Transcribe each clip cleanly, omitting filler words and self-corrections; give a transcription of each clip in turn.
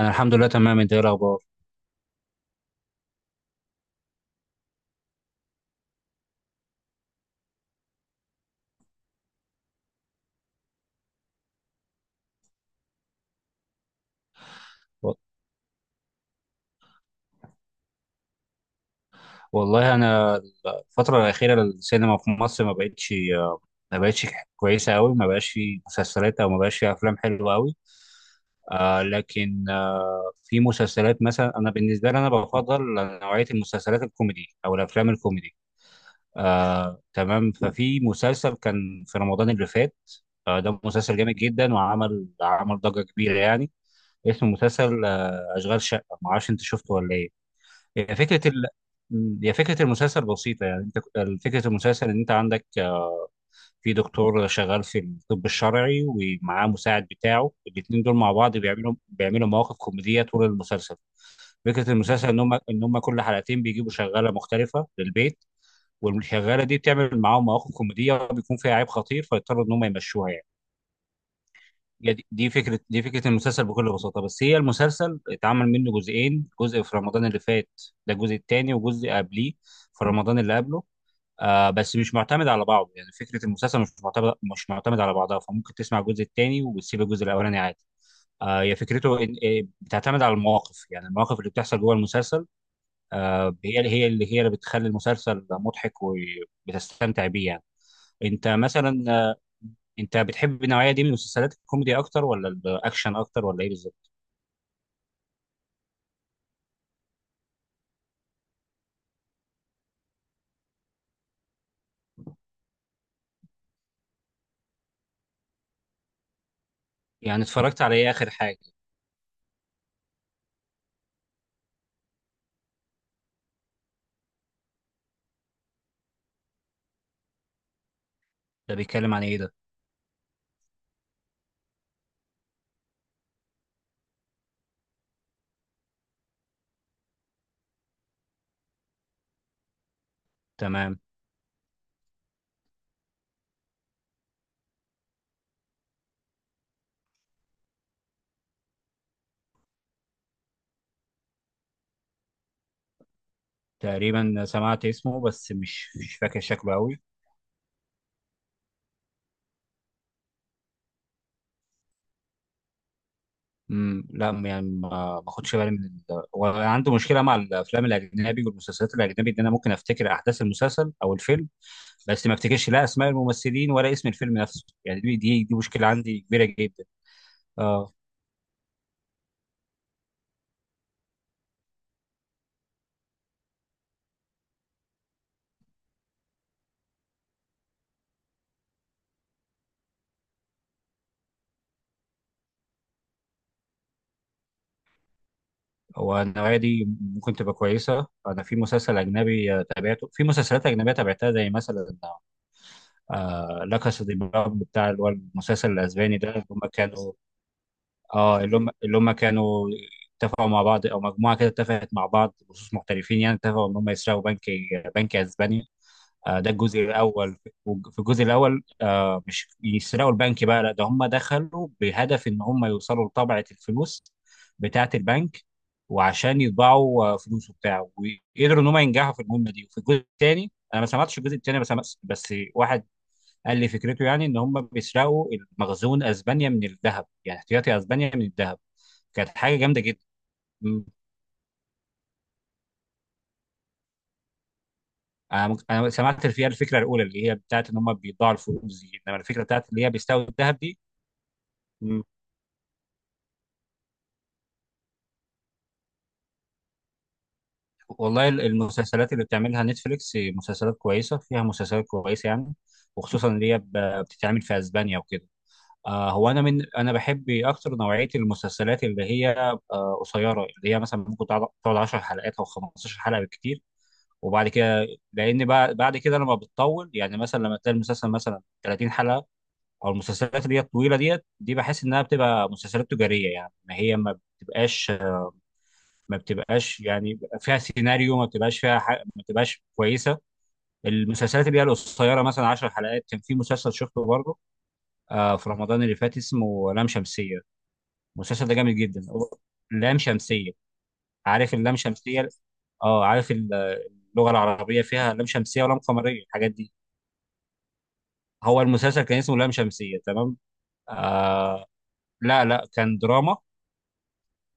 أنا الحمد لله تمام، أنت إيه الأخبار؟ والله أنا الفترة الأخيرة السينما في مصر ما بقتش كويسة أوي، ما بقاش في مسلسلات أو ما بقاش في أفلام حلوة أوي. لكن في مسلسلات مثلا، أنا بالنسبة لي أنا بفضل نوعية المسلسلات الكوميدي أو الأفلام الكوميدي. تمام، ففي مسلسل كان في رمضان اللي فات، ده مسلسل جامد جدا وعمل ضجة كبيرة يعني. اسمه مسلسل أشغال شقة، معرفش أنت شفته ولا إيه. هي فكرة ال... هي فكرة المسلسل بسيطة يعني. انت فكرة المسلسل ان انت عندك في دكتور شغال في الطب الشرعي ومعاه مساعد بتاعه، الاتنين دول مع بعض بيعملوا مواقف كوميدية طول المسلسل. فكرة المسلسل ان هم كل حلقتين بيجيبوا شغالة مختلفة للبيت، والشغالة دي بتعمل معاهم مواقف كوميدية وبيكون فيها عيب خطير، فيضطروا ان هم يمشوها يعني. هي دي فكره المسلسل بكل بساطه. بس هي المسلسل اتعمل منه جزئين، جزء في رمضان اللي فات، ده الجزء الثاني، وجزء قبليه في رمضان اللي قبله. بس مش معتمد على بعضه، يعني فكره المسلسل مش معتمد على بعضها، فممكن تسمع الجزء الثاني وتسيب الجزء الاولاني عادي. هي فكرته بتعتمد على المواقف، يعني المواقف اللي بتحصل جوه المسلسل. هي اللي بتخلي المسلسل مضحك وبتستمتع بيه يعني. انت مثلا انت بتحب النوعيه دي من المسلسلات، الكوميدي اكتر ولا الاكشن اكتر ولا ايه بالظبط؟ يعني اتفرجت على ايه اخر حاجه؟ ده بيتكلم عن ايه ده؟ تمام. تقريبا سمعت اسمه بس مش فاكر شكله قوي. لا، يعني ما باخدش بالي من وعنده مشكله مع الافلام الاجنبي والمسلسلات الاجنبي ان انا ممكن افتكر احداث المسلسل او الفيلم، بس ما افتكرش لا اسماء الممثلين ولا اسم الفيلم نفسه، يعني دي مشكله عندي كبيره جدا. اه. والنوعيه دي ممكن تبقى كويسه. انا في مسلسل اجنبي تابعته، في مسلسلات اجنبيه تابعتها زي مثلا لا كاسا دي بابل بتاع، اللي هو المسلسل الاسباني ده، اللي هم كانوا. اه اللي هم كانوا اتفقوا مع بعض او مجموعه كده اتفقت مع بعض بخصوص محترفين، يعني اتفقوا ان هم يسرقوا بنك، بنك اسباني. ده الجزء الاول. في الجزء الاول مش يسرقوا البنك بقى، لا ده هم دخلوا بهدف ان هم يوصلوا لطبعه الفلوس بتاعه البنك، وعشان يطبعوا فلوسه بتاعه، وقدروا ان هم ينجحوا في المهمه دي. وفي الجزء الثاني انا ما سمعتش الجزء الثاني، بس واحد قال لي فكرته، يعني ان هم بيسرقوا المخزون اسبانيا من الذهب، يعني احتياطي اسبانيا من الذهب. كانت حاجه جامده جدا. مم. أنا سمعت فيها الفكره الاولى اللي هي بتاعت ان هم بيضاعوا الفلوس دي، انما الفكره بتاعت اللي هي بيستوي الذهب دي. مم. والله المسلسلات اللي بتعملها نتفليكس مسلسلات كويسه، فيها مسلسلات كويسه يعني، وخصوصا اللي هي بتتعمل في اسبانيا وكده. هو انا من انا بحب اكتر نوعيه المسلسلات اللي هي قصيره، اللي هي مثلا ممكن تقعد 10 حلقات او 15 حلقه بالكتير. وبعد كده، لان بعد كده لما بتطول، يعني مثلا لما تلاقي المسلسل مثلا 30 حلقه، او المسلسلات اللي هي الطويله ديت دي، بحس انها بتبقى مسلسلات تجاريه، يعني ما هي ما بتبقاش، ما بتبقاش يعني فيها سيناريو، ما بتبقاش فيها ما بتبقاش كويسه. المسلسلات اللي هي القصيره مثلا 10 حلقات. كان في مسلسل شفته برضه في رمضان اللي فات اسمه لام شمسيه، المسلسل ده جامد جدا هو، لام شمسيه. عارف اللام شمسيه؟ اه عارف اللغه العربيه فيها لام شمسيه ولام قمريه، الحاجات دي. هو المسلسل كان اسمه لام شمسية تمام. آه لا لا، كان دراما.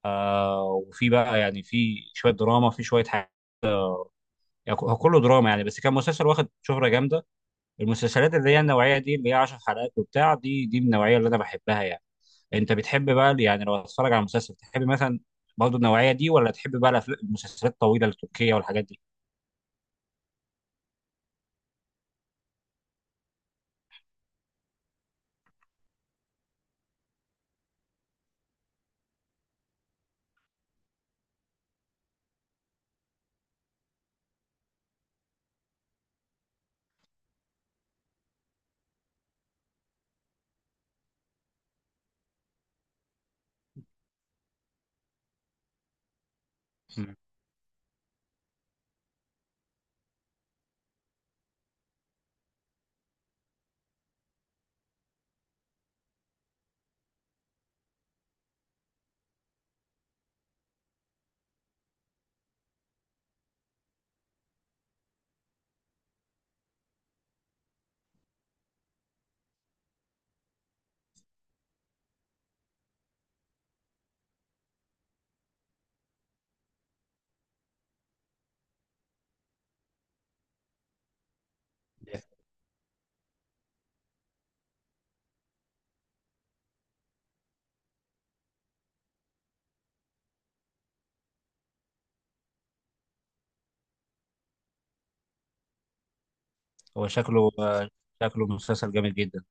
آه وفي بقى يعني في شوية دراما في شوية حاجة، يعني هو كله دراما يعني، بس كان مسلسل واخد شهرة جامدة. المسلسلات اللي هي النوعية دي اللي هي 10 حلقات وبتاع دي من النوعية اللي أنا بحبها يعني. أنت بتحب بقى يعني لو هتتفرج على مسلسل، تحب مثلا برضه النوعية دي ولا تحب بقى المسلسلات الطويلة التركية والحاجات دي؟ مم. هو شكله شكله مسلسل جامد جدا.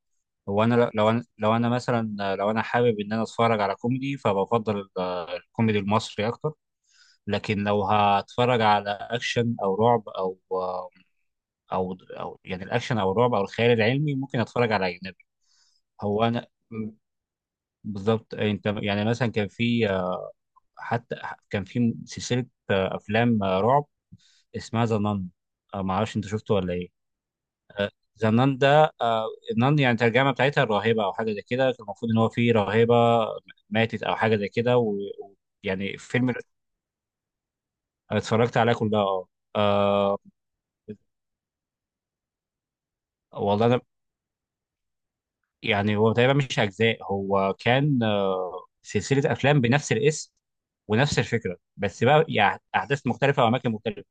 لو انا مثلا، لو انا حابب ان انا اتفرج على كوميدي فبفضل الكوميدي المصري اكتر. لكن لو هتفرج على اكشن او رعب او او يعني الاكشن او الرعب او الخيال العلمي ممكن اتفرج على اجنبي. هو انا م- بالظبط. انت يعني مثلا كان في، حتى كان في سلسلة افلام رعب اسمها ذا نان. ما اعرفش انت شفته ولا ايه. زنان ده زنان يعني الترجمة بتاعتها الراهبة أو حاجة زي كده، كان المفروض إن هو فيه راهبة ماتت أو حاجة زي كده. ويعني فيلم اتفرجت عليه كلها أه. آه، والله أنا يعني هو تقريبا مش أجزاء، هو كان سلسلة أفلام بنفس الاسم ونفس الفكرة، بس بقى يعني أحداث مختلفة وأماكن مختلفة.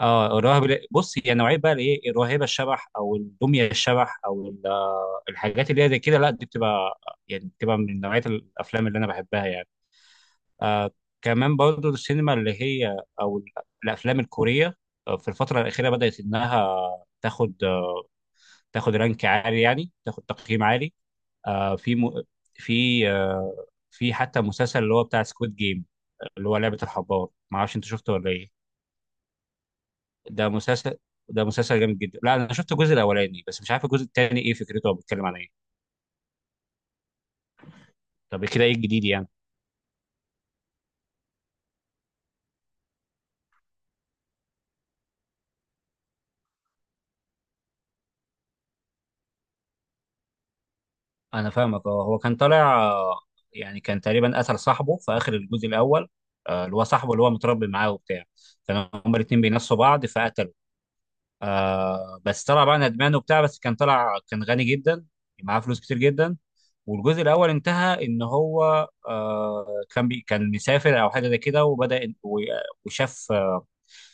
أه بص، هي نوعية بقى الإيه، الراهبة الشبح أو الدمية الشبح أو الحاجات اللي هي زي كده، لا دي بتبقى يعني بتبقى من نوعية الأفلام اللي أنا بحبها يعني. آه كمان برضو السينما اللي هي او الافلام الكوريه، في الفتره الاخيره بدات انها تاخد تاخد رانك عالي يعني تاخد تقييم عالي. آه في م... في في حتى مسلسل اللي هو بتاع سكويد جيم، اللي هو لعبه الحبار، ما اعرفش انت شفته ولا ايه. ده مسلسل ده مسلسل جامد جدا. لا انا شفت الجزء الاولاني بس مش عارف الجزء الثاني ايه فكرته او بيتكلم عن ايه. طب كده ايه الجديد يعني؟ انا فاهمك. اه هو كان طالع يعني كان تقريبا قتل صاحبه في اخر الجزء الاول. اللي هو صاحبه اللي هو متربي معاه وبتاع، كانوا هما الاتنين بينافسوا بعض فقتلوا. بس طلع بقى ندمان وبتاع، بس كان غني جدا، معاه فلوس كتير جدا. والجزء الاول انتهى ان هو كان مسافر او حاجه زي كده، وبدا وشاف،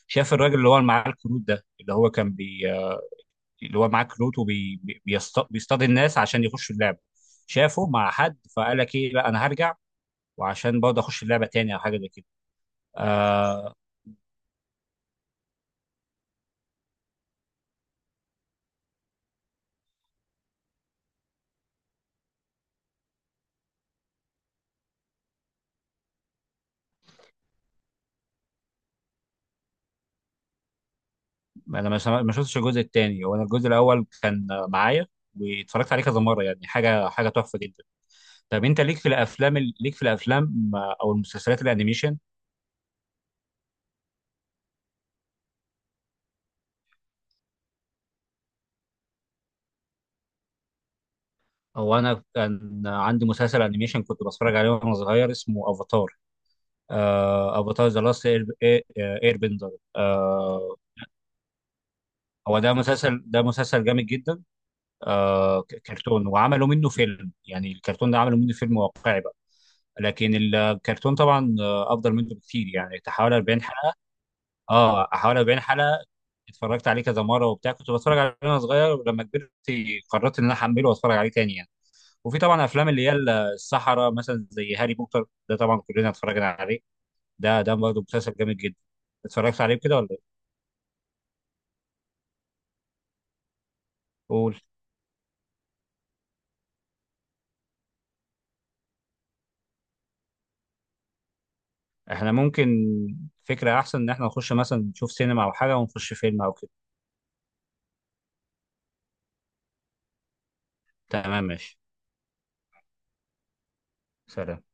شاف الراجل اللي هو اللي معاه الكروت ده، اللي هو كان بي اللي هو معاه كروت وبيصطاد الناس عشان يخشوا اللعبه. شافه مع حد فقال لك ايه، لا انا هرجع وعشان برضه اخش اللعبه تاني او حاجه زي كده. آه انا ما شفتش الجزء التاني. وانا الجزء الاول كان معايا، واتفرجت عليه كذا مره يعني، حاجه تحفه جدا. طب انت ليك في ليك في الافلام او المسلسلات الانيميشن؟ او انا كان عندي مسلسل انيميشن كنت بتفرج عليه وانا صغير اسمه افاتار. افاتار ذا لاست اير بندر. هو ده مسلسل جامد جدا. كرتون وعملوا منه فيلم، يعني الكرتون ده عملوا منه فيلم واقعي بقى. لكن الكرتون طبعا افضل منه بكتير، يعني حوالي 40 حلقه. اه حوالي 40 حلقه. اتفرجت عليه كذا مره وبتاع، كنت بتفرج عليه وانا صغير، ولما كبرت قررت ان انا احمله واتفرج عليه تاني يعني. وفي طبعا افلام اللي هي السحره مثلا زي هاري بوتر، ده طبعا كلنا اتفرجنا عليه، ده برضه مسلسل جامد جدا. اتفرجت عليه كده ولا ايه؟ قول. احنا ممكن، فكرة احسن ان احنا نخش مثلا نشوف سينما او حاجة ونخش فيلم او كده. تمام ماشي. سلام.